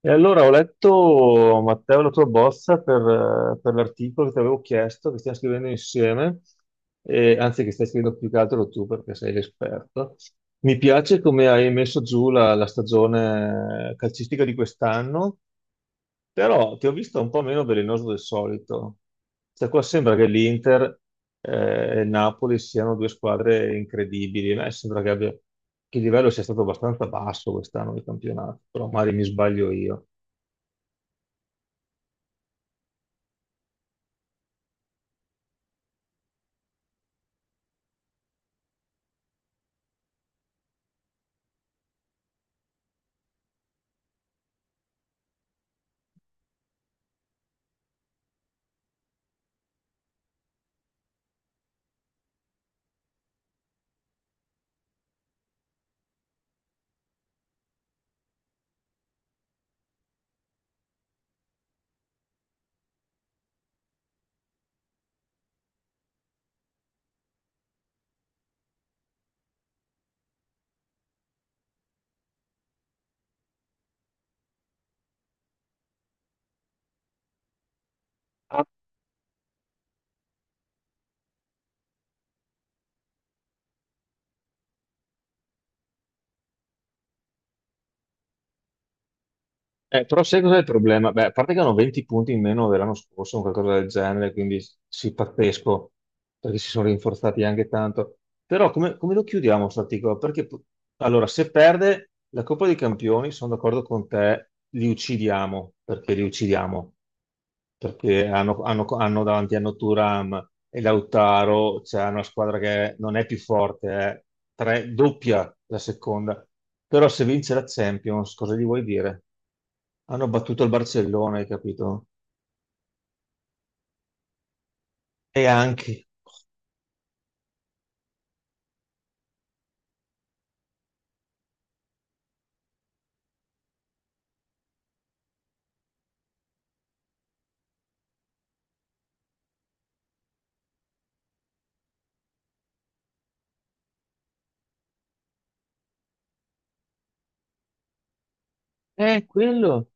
E allora ho letto, Matteo, la tua bozza per l'articolo che ti avevo chiesto, che stiamo scrivendo insieme, anzi che stai scrivendo più che altro tu perché sei l'esperto. Mi piace come hai messo giù la stagione calcistica di quest'anno, però ti ho visto un po' meno velenoso del solito. Cioè, qua sembra che l'Inter e il Napoli siano due squadre incredibili. A me sembra che il livello sia stato abbastanza basso quest'anno di campionato, però magari mi sbaglio io. Però sai cos'è il problema? Beh, a parte che hanno 20 punti in meno dell'anno scorso, o qualcosa del genere, quindi sì, pazzesco, perché si sono rinforzati anche tanto. Però come lo chiudiamo sto articolo? Allora, se perde la Coppa dei Campioni, sono d'accordo con te, li uccidiamo perché hanno davanti a Thuram e Lautaro, c'è una squadra che non è più forte, è doppia la seconda. Però se vince la Champions, cosa gli vuoi dire? Hanno battuto il Barcellona, hai capito? E anche. È quello.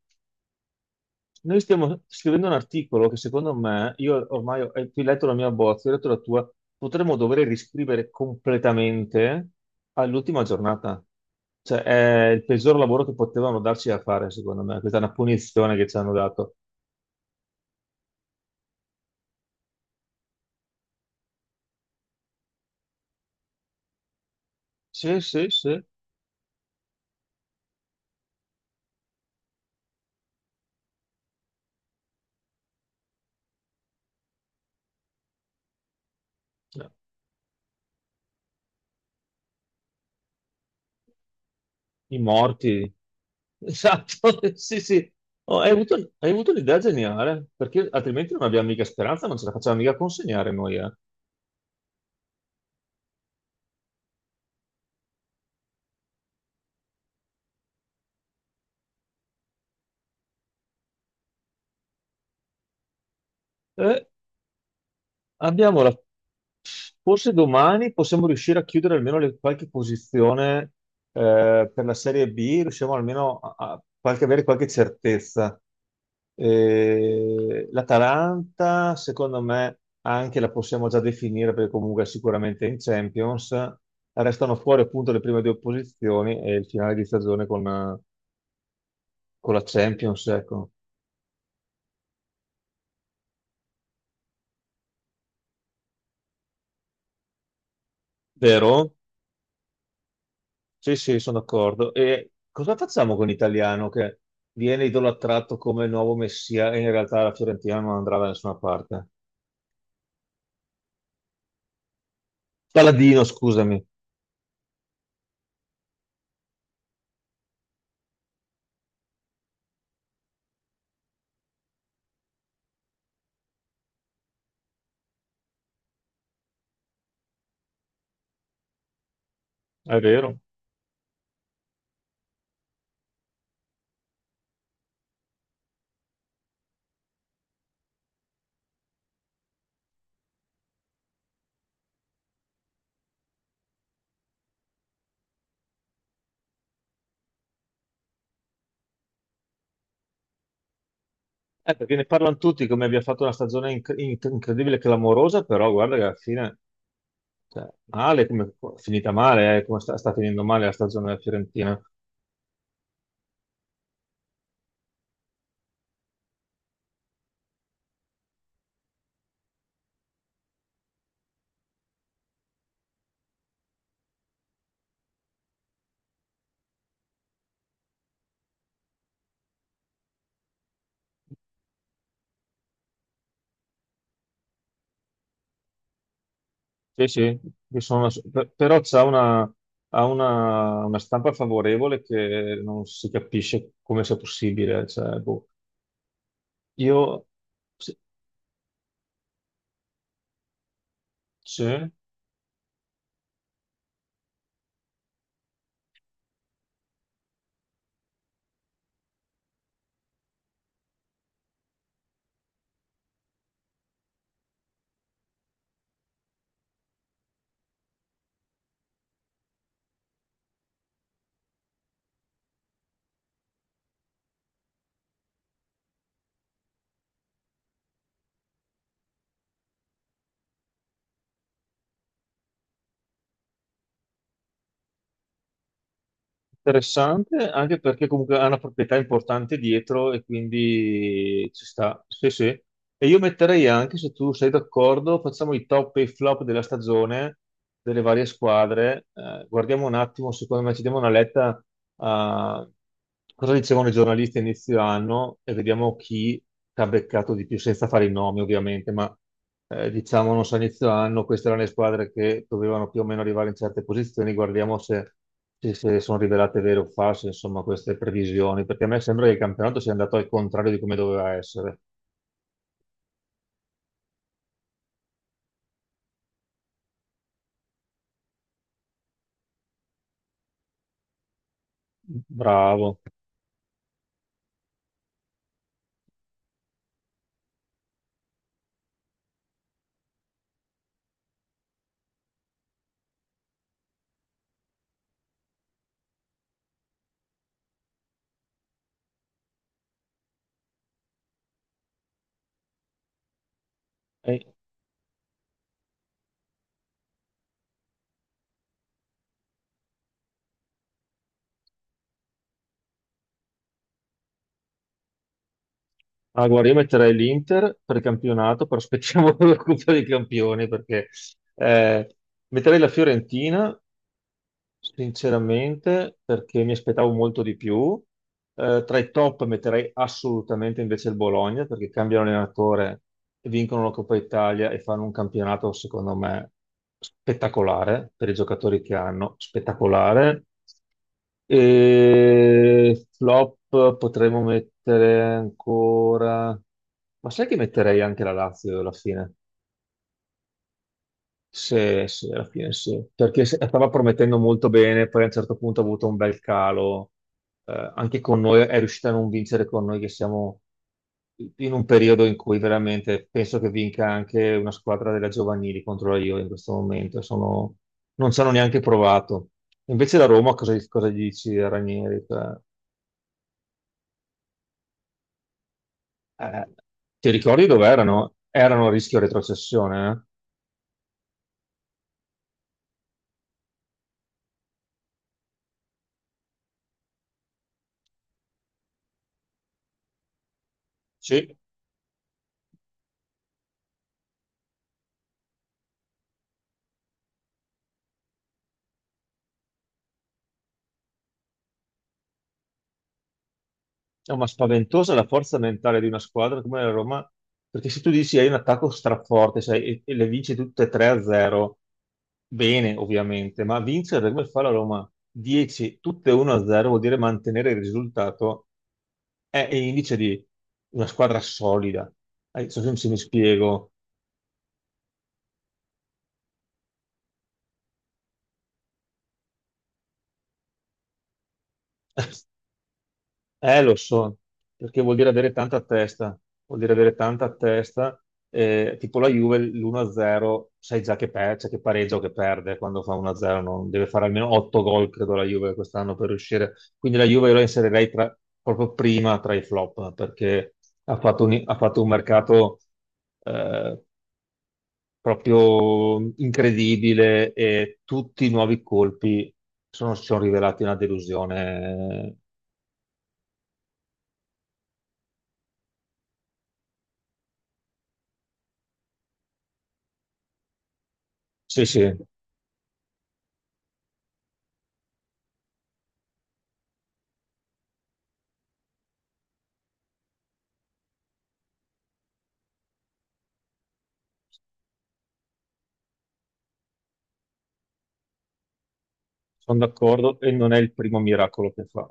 Noi stiamo scrivendo un articolo che secondo me, tu hai letto la mia bozza, io ho letto la tua, potremmo dover riscrivere completamente all'ultima giornata. Cioè, è il peggior lavoro che potevano darci da fare, secondo me. Questa è una punizione che ci hanno dato. Sì, sì, sì. I morti. Esatto, sì, sì. Oh, hai avuto un'idea geniale, perché altrimenti non abbiamo mica speranza, non ce la facciamo mica consegnare noi. Eh, abbiamo la Forse domani possiamo riuscire a chiudere almeno qualche posizione, per la Serie B, riusciamo almeno a avere qualche certezza. L'Atalanta, secondo me, anche la possiamo già definire perché comunque è sicuramente in Champions. Restano fuori appunto le prime due posizioni e il finale di stagione con la Champions, ecco. Vero? Sì, sì, sono d'accordo. E cosa facciamo con l'italiano che viene idolatrato come il nuovo messia e in realtà la Fiorentina non andrà da nessuna parte? Paladino, scusami. È vero. Perché ne parlano tutti come abbia fatto una stagione incredibile e clamorosa, però guarda che alla fine, cioè, male, come, finita male, come sta finendo male la stagione della Fiorentina. Sì, sì, però c'ha una, ha una stampa favorevole che non si capisce come sia possibile. Cioè, boh. Io sì, sì, interessante anche perché comunque ha una proprietà importante dietro e quindi ci sta. Sì, sì. E io metterei anche, se tu sei d'accordo, facciamo i top e i flop della stagione delle varie squadre. Guardiamo un attimo, secondo me ci diamo una letta cosa dicevano i giornalisti a inizio anno e vediamo chi ti ha beccato di più, senza fare i nomi ovviamente, ma diciamo, non so, a inizio anno queste erano le squadre che dovevano più o meno arrivare in certe posizioni, guardiamo se sono rivelate vere o false, insomma, queste previsioni, perché a me sembra che il campionato sia andato al contrario di come doveva essere. Bravo. Eh, guarda, io metterei l'Inter per campionato, però aspettiamo la Coppa dei Campioni, perché eh, metterei la Fiorentina sinceramente, perché mi aspettavo molto di più. Tra i top metterei assolutamente invece il Bologna, perché cambiano allenatore, vincono la Coppa Italia e fanno un campionato, secondo me, spettacolare per i giocatori che hanno, spettacolare. E flop potremmo mettere ancora. Ma sai che metterei anche la Lazio alla fine? Sì, sì, alla fine sì, perché stava promettendo molto bene, poi a un certo punto ha avuto un bel calo. Anche con noi è riuscita a non vincere con noi che siamo in un periodo in cui veramente penso che vinca anche una squadra della giovanili contro la Juve in questo momento. Non ci hanno neanche provato. Invece la Roma cosa gli dici a Ranieri? Cioè, eh, ti ricordi dove erano? Erano a rischio retrocessione, eh? Sì. No, ma spaventosa la forza mentale di una squadra come la Roma, perché se tu dici hai un attacco straforte, sai, e le vinci tutte 3-0, bene ovviamente, ma vincere come fa la Roma 10, tutte 1-0 vuol dire mantenere il risultato, è indice di una squadra solida. Non so se mi spiego. Lo so, perché vuol dire avere tanta testa, vuol dire avere tanta testa, tipo la Juve l'1-0, sai già che, cioè che pareggia o che perde quando fa 1-0, deve fare almeno 8 gol, credo, la Juve quest'anno per riuscire. Quindi la Juve io la inserirei proprio prima tra i flop, perché ha fatto un mercato eh, proprio incredibile e tutti i nuovi colpi si sono rivelati una delusione. Sì, sì. Sono d'accordo e non è il primo miracolo che fa.